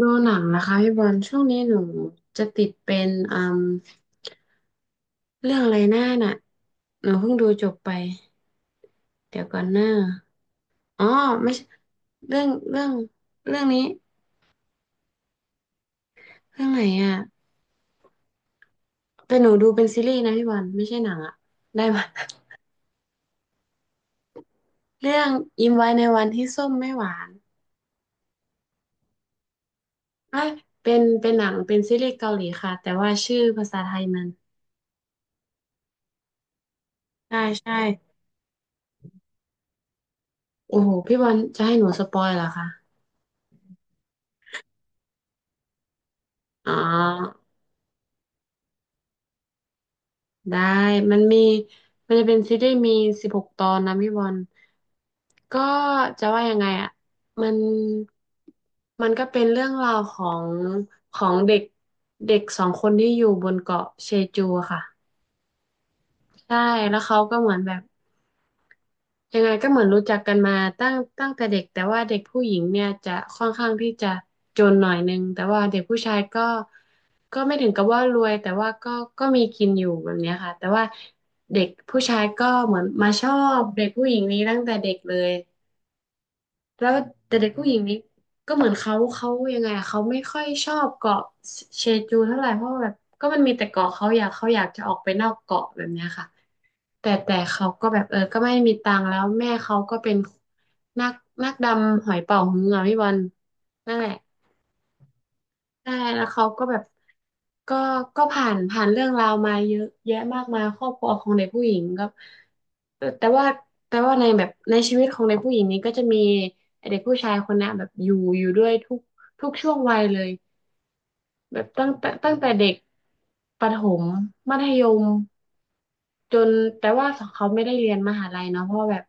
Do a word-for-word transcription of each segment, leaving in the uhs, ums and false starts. ดูหนังนะคะพี่บอลช่วงนี้หนูจะติดเป็นอืมเรื่องอะไรหน้าน่ะหนูเพิ่งดูจบไปเดี๋ยวก่อนหน้าอ๋อไม่ใช่เรื่องเรื่องเรื่องนี้เรื่องไหนอ่ะแต่หนูดูเป็นซีรีส์นะพี่บอลไม่ใช่หนังอ่ะได้ไหม เรื่องยิ้มไว้ในวันที่ส้มไม่หวานเอ้ยเป็นเป็นหนังเป็นซีรีส์เกาหลีค่ะแต่ว่าชื่อภาษาไทยมันใช่ใช่โอ้โหพี่บอลจะให้หนูสปอยเหรอคะอ๋อ ได้มันมีมันจะเป็นซีรีส์มีสิบหกตอนนะพี่บอลก็จะว่ายังไงอ่ะมันมันก็เป็นเรื่องราวของของเด็กเด็กสองคนที่อยู่บนเกาะเชจูอะค่ะใช่แล้วเขาก็เหมือนแบบ ยังไงก็เหมือนรู้จักกันมาตั้งตั้งแต่เด็กแต่ว่าเด็กผู้หญิงเนี่ยจะค่อนข้างที่จะจนหน่อยนึงแต่ว่าเด็กผู้ชายก็ก็ไม่ถึงกับว่ารวยแต่ว่าก็ก็มีกินอยู่แบบเนี้ยค่ะแต่ว่าเด็กผู้ชายก็เหมือนมาชอบเด็กผู้หญิงนี้ตั้งแต่เด็กเลย แล้วแต่เด็กผู้หญิงนี้ก็เหมือนเขาเขายังไงอะเขาไม่ค่อยชอบเกาะเชจูเท่าไหร่เพราะว่าแบบก็มันมีแต่เกาะเขาอยากเขาอยากจะออกไปนอกเกาะแบบเนี้ยค่ะแต่แต่เขาก็แบบเออก็ไม่มีตังค์แล้วแม่เขาก็เป็นนักนักดำหอยเป๋าฮืออ่ะพี่บอลนั่นแหละ ใช่แล้วเขาก็แบบก็ก็ผ่านผ่านเรื่องราวมาเยอะแยะมากมายครอบครัวของเด็กผู้หญิงก็แต่แต่ว่าแต่ว่าในแบบในชีวิตของเด็กผู้หญิงนี้ก็จะมีเด็กผู้ชายคนนะแบบอยู่อยู่ด้วยทุกทุกช่วงวัยเลยแบบตั้งแต่ตั้งแต่เด็กประถมมัธยมจนแต่ว่าเขาไม่ได้เรียนมหาลัยเนาะเพราะว่าแบบ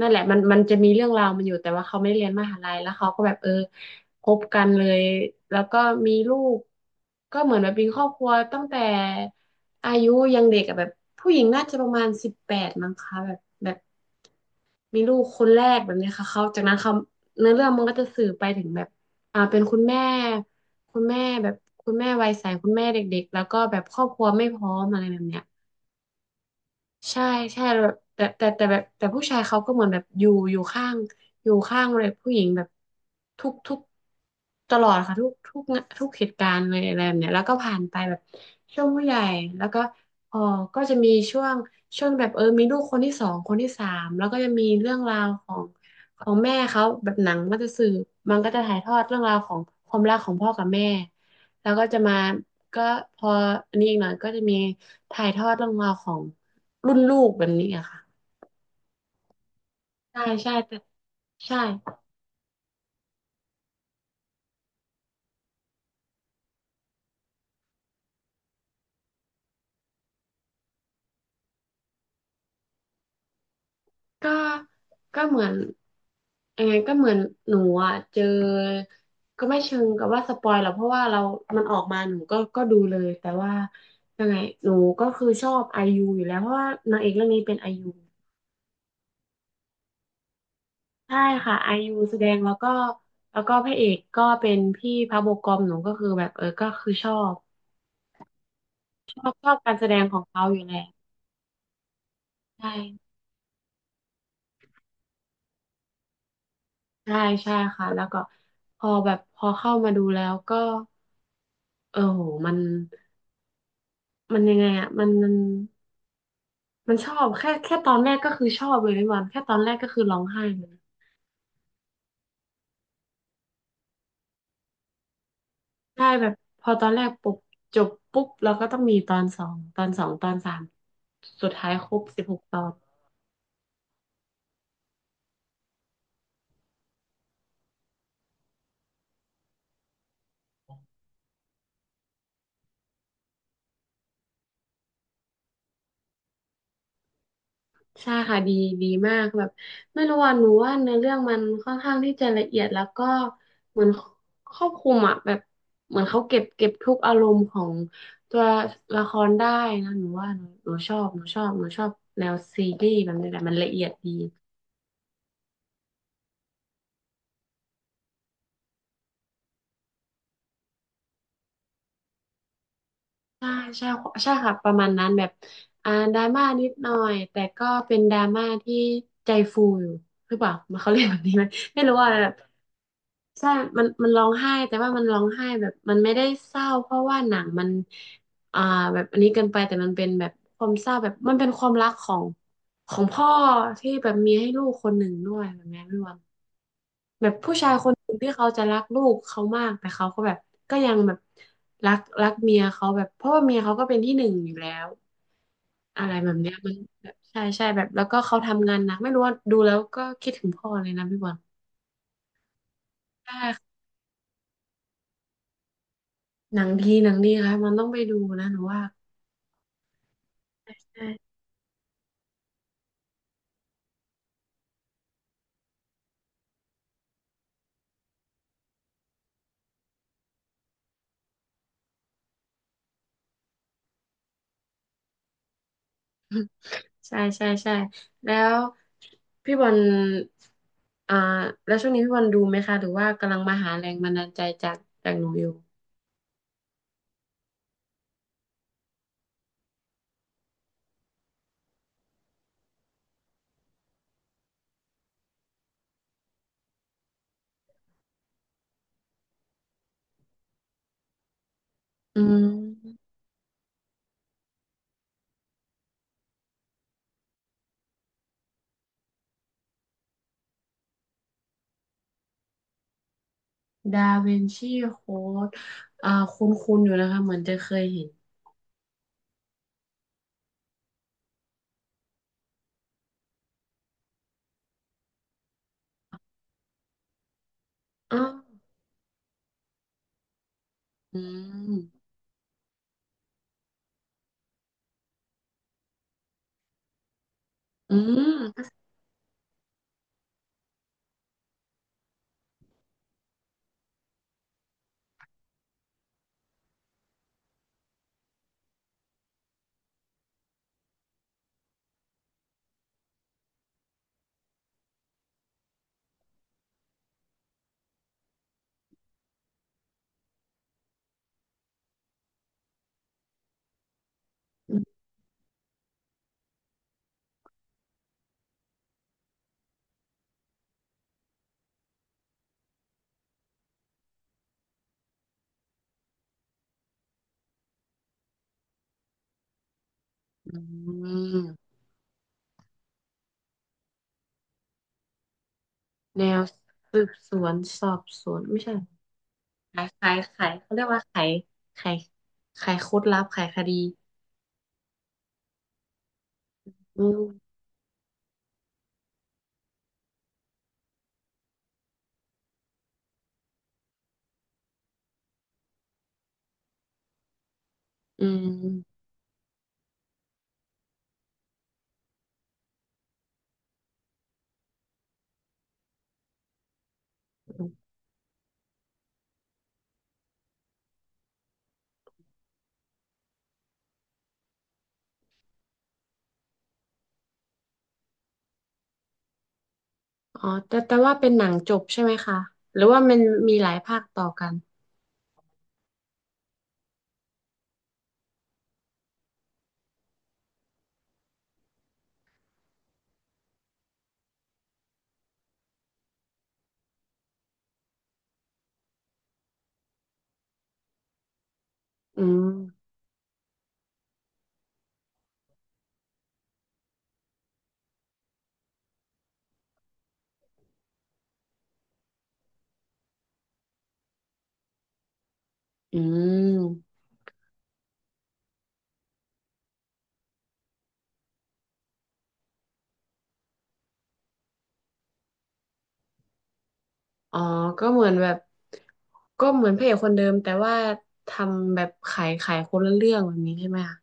นั่นแหละมันมันจะมีเรื่องราวมันอยู่แต่ว่าเขาไม่ได้เรียนมหาลัยแล้วเขาก็แบบเออคบกันเลยแล้วก็มีลูกก็เหมือนแบบมีครอบครัวตั้งแต่อายุยังเด็กอะแบบผู้หญิงน่าจะประมาณสิบแปดมั้งคะแบบแบบมีลูกคนแรกแบบเนี้ยค่ะเขาจากนั้นเขาเนื้อเรื่องมันก็จะสื่อไปถึงแบบอ่าเป็นคุณแม่คุณแม่แบบคุณแม่วัยใสคุณแม่เด็กๆแล้วก็แบบครอบครัวไม่พร้อมอะไรแบบเนี้ย ใช่ใช่แบบแต่แต่แต่แบบแต่ผู้ชายเขาก็เหมือนแบบอยู่อยู่ข้างอยู่ข้างเลยผู้หญิงแบบทุกทุกตลอดค่ะทุกทุกทุกเหตุการณ์เลยอะไรแบบเนี้ยแล้วก็ผ่านไปแบบช่วงผู้ใหญ่แล้วก็เออก็จะมีช่วงช่วงแบบเออมีลูกคนที่สองคนที่สามแล้วก็จะมีเรื่องราวของของแม่เขาแบบหนังมันจะสื่อมันก็จะถ่ายทอดเรื่องราวของความรักของพ่อกับแม่แล้วก็จะมาก็พออันนี้อีกหน่อยก็จะมีถ่ายทอดเรื่องราวของ รุ่นลูกแบบนี้อะค่ะใช่ใช่แต่ใช่ก็ก็เหมือนยังไงก็เหมือนหนูอะเจอก็ไม่เชิงกับว่าสปอยหรอกเพราะว่าเรามันออกมาหนูก็ก็ดูเลยแต่ว่ายังไงหนูก็คือชอบไอยูอยู่แล้วเพราะว่านางเอกเรื่องนี้เป็นไอยูใช่ค่ะไอยูแสดงแล้วก็แล้วก็พระเอกก็เป็นพี่พระโบกอมหนูก็คือแบบเออก็คือชอบชอบชอบการแสดงของเขาอยู่แล้วใช่ ใช่ใช่ค่ะแล้วก็พอแบบพอเข้ามาดูแล้วก็เออโหมันมันยังไงอ่ะมันมันมันชอบแค่แค่ตอนแรกก็คือชอบเลยพี่บอลแค่ตอนแรกก็คือร้องไห้เลยใช่แบบพอตอนแรกปุ๊บจบปุ๊บแล้วก็ต้องมีตอนสองตอนสองตอนสามสุดท้ายครบสิบหกตอน ใช่ค่ะดีดีมากแบบไม่รู้ว่าหนูว่าเนื้อเรื่องมันค่อนข้างที่จะละเอียดแล้วก็เหมือนครอบคลุมอ่ะแบบเหมือนเขาเก็บเก็บทุกอารมณ์ของตัวละครได้นะหนูว่าหนูหนูชอบหนูชอบหนูชอบแนวซีรีส์แบบนี้แหละมันละเอียดดี ใช่ใช่ใช่ค่ะประมาณนั้นแบบอ่าดราม่านิดหน่อยแต่ก็เป็นดราม่าที่ใจฟูอยู่หรือเปล่ามันเขาเรียกแบบนี้ไหมไม่รู้ว่าแบบใช่มันมันร้องไห้แต่ว่ามันร้องไห้แบบมันไม่ได้เศร้าเพราะว่าหนังมันอ่าแบบอันนี้เกินไปแต่มันเป็นแบบความเศร้าแบบมันเป็นความรักของของพ่อที่แบบมีให้ลูกคนหนึ่งด้วยแบบนี้พี่วัน แบบผู้ชายคนหนึ่งที่เขาจะรักลูกเขามากแต่เขาก็แบบก็ยังแบบรักรักเมียเขาแบบเพราะว่าเมียเขาก็เป็นที่หนึ่งอยู่แล้วอะไรแบบเนี้ยมันแบบใช่ใช่แบบแล้วก็เขาทำงานหนักไม่รู้ว่าดูแล้วก็คิดถึงพ่อเลยนะพี่บอลใช่ค่ะหนังดีหนังดีค่ะมันต้องไปดูนะหนูว่าใช่ใช่ใช่ใช่แล้วพี่บอลอ่าแล้วช่วงนี้พี่บอลดูไหมคะหรือว่ากำลังมาหาแรงบันดาลใจจากจากหนูอยู่อืม ดาวินชีโค้ดอ่าคุ้นๆอยู่นะคะเหมือนจะเคยเห็นอ๋ออืมอืมอืมแนวสืบสวนสอบสวนไม่ใช่ขายขายขายเขาเรียกว่าขายขายขายโค้ดลับขายคดีอืมอืมอ๋อแต่แต่ว่าเป็นหนังจบใช่ไหมคะหรือว่ามันมีหลายภาคต่อกันอืมอืม อ๋อก็เหมือนแบบก็เหมือนพระเอกคนเดิมแต่ว่าทำแบบขายขายคนละเรื่องแบบนี้ใช่ไหมคะ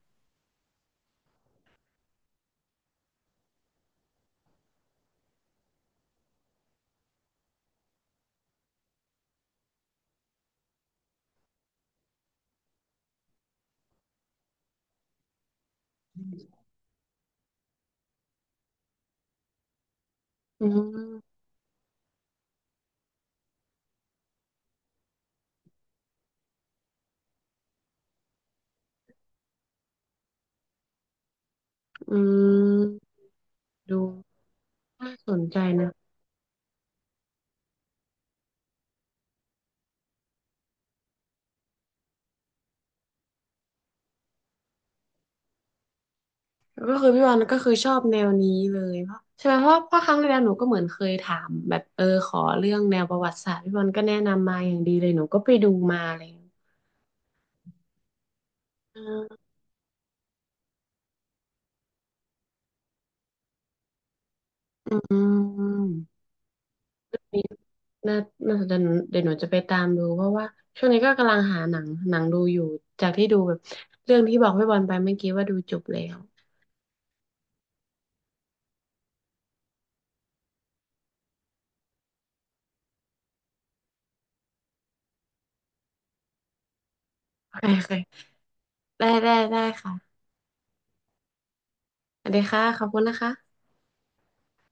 อืมอืมดูน่าสนใจนะก็คือพี่วันก็คือชอบแนวนี้เลยเพราะใช่ไหมเพราะเพราะครั้งที่แล้วหนูก็เหมือนเคยถามแบบเออขอเรื่องแนวประวัติศาสตร์พี่วันก็แนะนำมาอย่างดีเลยหนูก็ไปดูมาอะไรอย่างเลยอืม น่าน่าสนใจหนูเดี๋ยวหนูจะไปตามดูเพราะว่าช่วงนี้ก็กำลังหาหนังหนังดูอยู่ จากที่ดูแบบเรื่องที่บอกพี่บอลไปเมื่อกี้ว่าดูจบแล้วโอเคโอเค ได้ ได้ ได้ค่ะสวัสดีค่ะ ขอบคุณนะคะ